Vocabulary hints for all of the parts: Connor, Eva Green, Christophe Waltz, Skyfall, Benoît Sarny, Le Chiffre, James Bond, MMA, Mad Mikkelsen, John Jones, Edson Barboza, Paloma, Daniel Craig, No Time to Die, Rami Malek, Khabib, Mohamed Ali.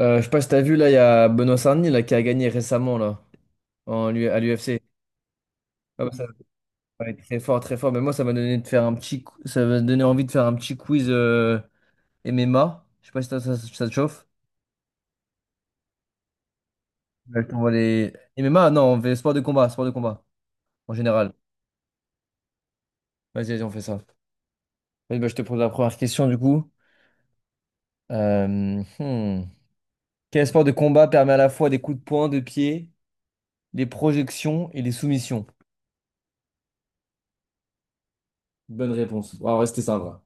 Je sais pas si t'as vu là, il y a Benoît Sarny là, qui a gagné récemment là, en, à l'UFC. Ça va être très fort, très fort. Mais moi, ça m'a donné de faire un petit, ça m'a donné envie de faire un petit quiz MMA. Je sais pas si ça te chauffe. Ouais, je t'envoie les MMA, non, on fait sport de combat en général. Vas-y, on fait ça. Vas-y, bah, je te pose la première question du coup. Euh, hmm. Quel sport de combat permet à la fois des coups de poing, de pied, des projections et des soumissions? Bonne réponse. On va rester simple.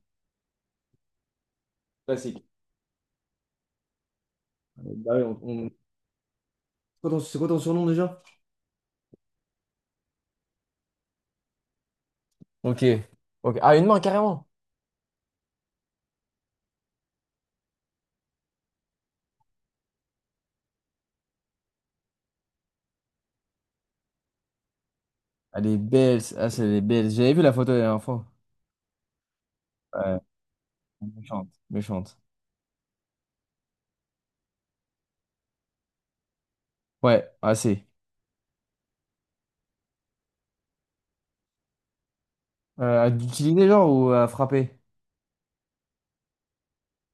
Classique. Bah oui, on, C'est quoi ton surnom déjà? Ok. Ok. Ah, une main, carrément. Elle est belle. Ah, c'est elle est belle. J'avais vu la photo la dernière fois. Ouais, méchante. Méchante. Ouais, assez. À utiliser, genre, ou à frapper?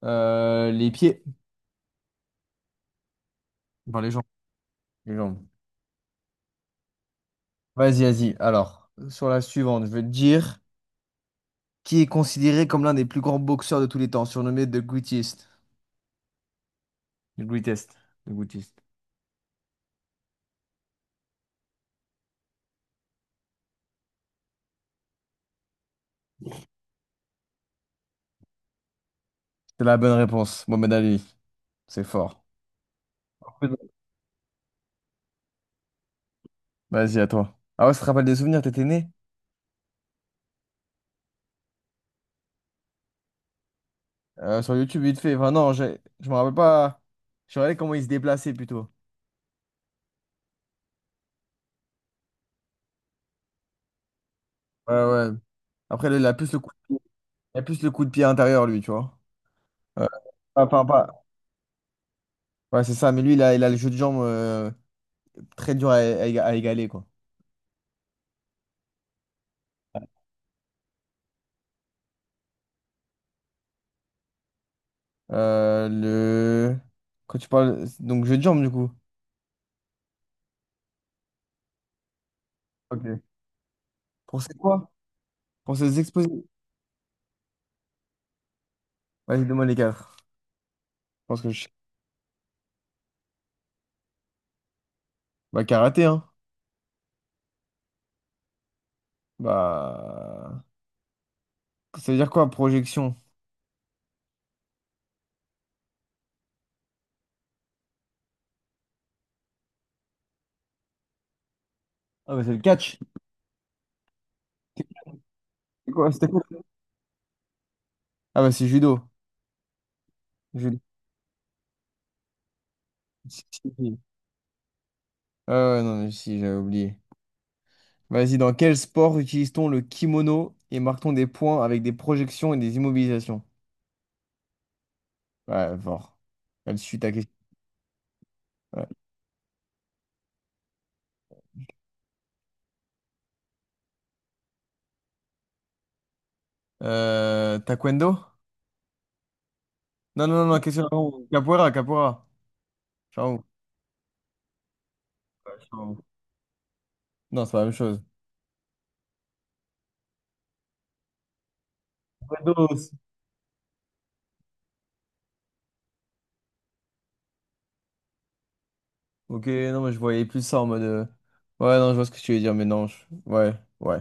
Les pieds. Enfin, les jambes. Les jambes. Vas-y. Alors, sur la suivante, je vais te dire qui est considéré comme l'un des plus grands boxeurs de tous les temps, surnommé The Greatest. The Greatest. The Greatest. C'est la bonne réponse. Mohamed Ali. C'est fort. Vas-y, à toi. Ah ouais, ça te rappelle des souvenirs, t'étais né? Sur YouTube, vite fait. Enfin, non, je me rappelle pas. Je regardais comment il se déplaçait plutôt. Ouais, ouais. Après, là, il a plus le coup de pied intérieur, lui, tu vois. Euh, Enfin, pas. Pas. Ouais, c'est ça, mais lui, il a le jeu de jambes très dur à, à égaler, quoi. Le... Quand tu parles... Donc, jeu de jambes, du coup. Ok. Pour c'est quoi? Pour se exposer. Vas-y, demande les quatre. Je pense que je... Bah, karaté, hein. Bah... Ça veut dire quoi, projection? Ah, bah, c'est le catch. C'est quoi? C'était quoi? Ah, bah, c'est judo. Si, si. Ah ouais, non, mais si, j'avais oublié. Vas-y, dans quel sport utilise-t-on le kimono et marque-t-on des points avec des projections et des immobilisations? Ouais, fort. Elle suit ta question. Ouais. Taekwondo? Non, non, non, non, question d'avant. Capoeira. Ciao. Ouais, ciao. Non, c'est pas la même chose. Taekwondo. Ok, non, mais je voyais plus ça en mode. Ouais, non, je vois ce que tu veux dire, mais non. Ouais, ouais.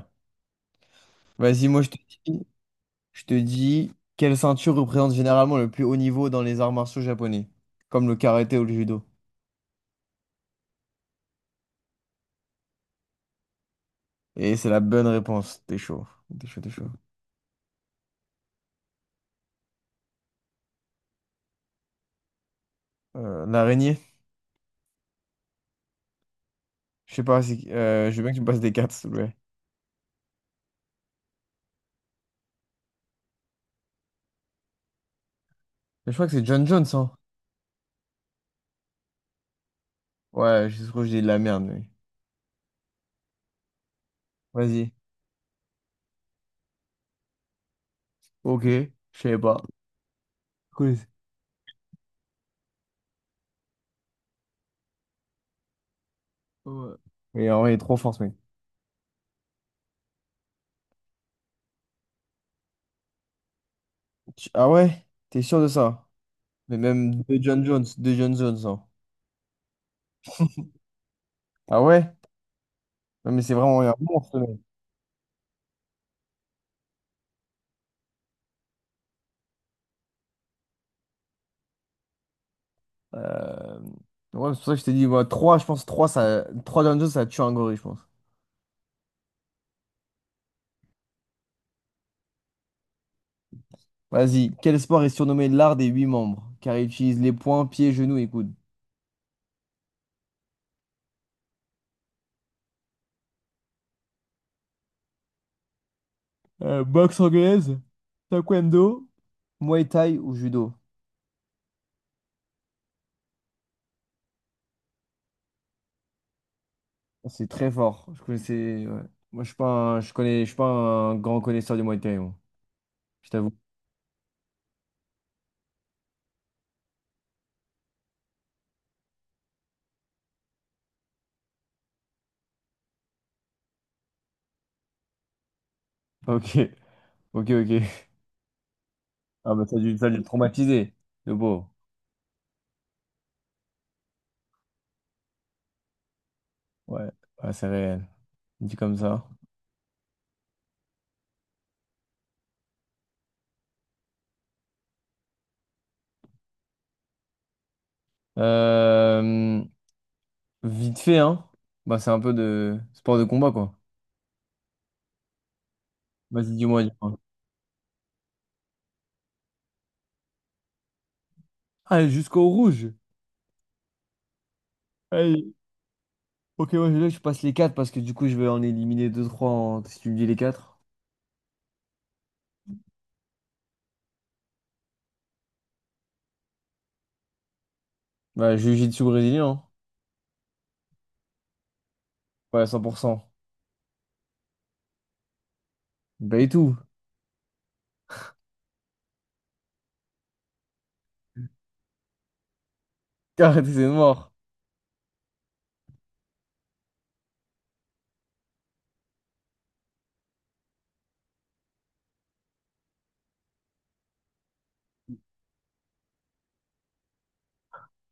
Vas-y, moi, dis. Je te dis, quelle ceinture représente généralement le plus haut niveau dans les arts martiaux japonais, comme le karaté ou le judo? Et c'est la bonne réponse. T'es chaud. T'es chaud. L'araignée? Je sais pas, je veux bien que tu me passes des cartes, s'il te plaît. Mais je crois que c'est John Jones, hein? Ouais, je trouve que je dis de la merde, mais... Vas-y. Ok, je savais pas. Cool. Ouais. Mais en vrai, il est trop fort, ce mec. Ah ouais? T'es sûr de ça? Mais même de John Jones, hein. Ah ouais? Non, mais c'est vraiment un monstre. Euh, Ouais, c'est pour ça que je t'ai dit, ouais, 3, je pense 3 ça, 3 Down Jones, ça tue un gorille, je pense. Vas-y, quel sport est surnommé l'art des 8 membres? Car il utilise les poings, pieds, genoux et coudes. Boxe anglaise, taekwondo, muay thai ou judo? Ah, c'est très fort. Je connaissais, ouais. Moi, je connais, je suis pas un grand connaisseur du muay thai, moi. Je t'avoue. Ok, ok. Ah, bah, ça a dû le traumatiser, le beau. Ouais, ouais, c'est réel. Dit comme ça. Euh, Vite fait, hein? Bah, c'est un peu de sport de combat, quoi. Dis-moi. Allez, jusqu'au rouge. Allez. Ok, moi, là, je passe les 4 parce que du coup, je vais en éliminer deux trois. En... si tu me dis les 4, bah, jiu-jitsu brésilien, hein. Ouais, 100%. Bah, et tout. Arrêtez, c'est mort.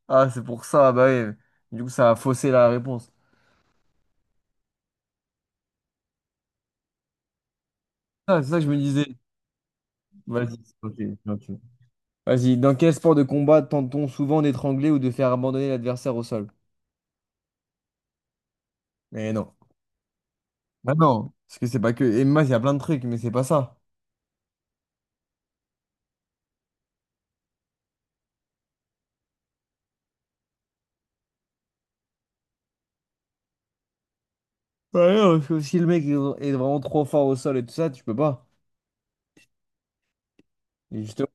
Ah, c'est pour ça, bah ouais. Du coup, ça a faussé la réponse. Ah, c'est ça que je me disais. Vas-y, ok, ok. Vas-y, dans quel sport de combat tente-t-on souvent d'étrangler ou de faire abandonner l'adversaire au sol? Mais non. Bah non, parce que c'est pas que. Et moi, il y a plein de trucs, mais c'est pas ça. Ouais, non, parce que si le mec est vraiment trop fort au sol et tout ça, tu peux pas. Et justement,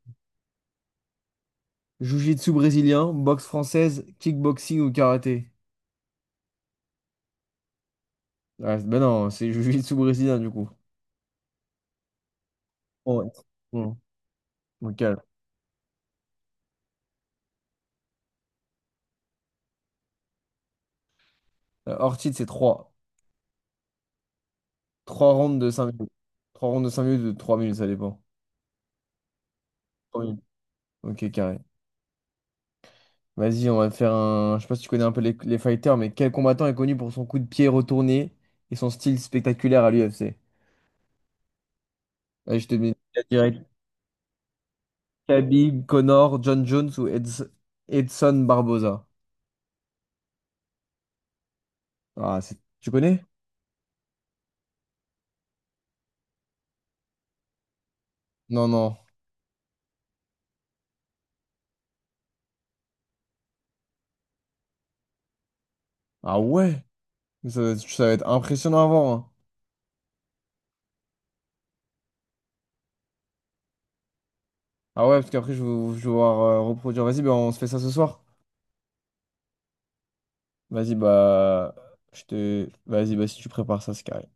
jiu-jitsu brésilien, boxe française, kickboxing ou karaté. Ouais, ben non, c'est jiu-jitsu brésilien du coup. Ouais. Bon, bon, calme. Hors titre, c'est trois rounds de 5 minutes. Trois rounds de 5 minutes ou de trois minutes, ça dépend. 3 minutes. Ok, carré. Vas-y, on va faire un. Je sais pas si tu connais un peu les fighters, mais quel combattant est connu pour son coup de pied retourné et son style spectaculaire à l'UFC? Allez, je te mets direct. Khabib, Connor, John Jones ou Edson Barboza. Ah, c'est- tu connais? Non, non. Ah ouais? Ça va être impressionnant à voir, hein. Ah ouais, parce qu'après, je vais voir reproduire. Vas-y, bah, on se fait ça ce soir. Vas-y, bah. Je te. Vas-y, bah, si tu prépares ça, c'est carré.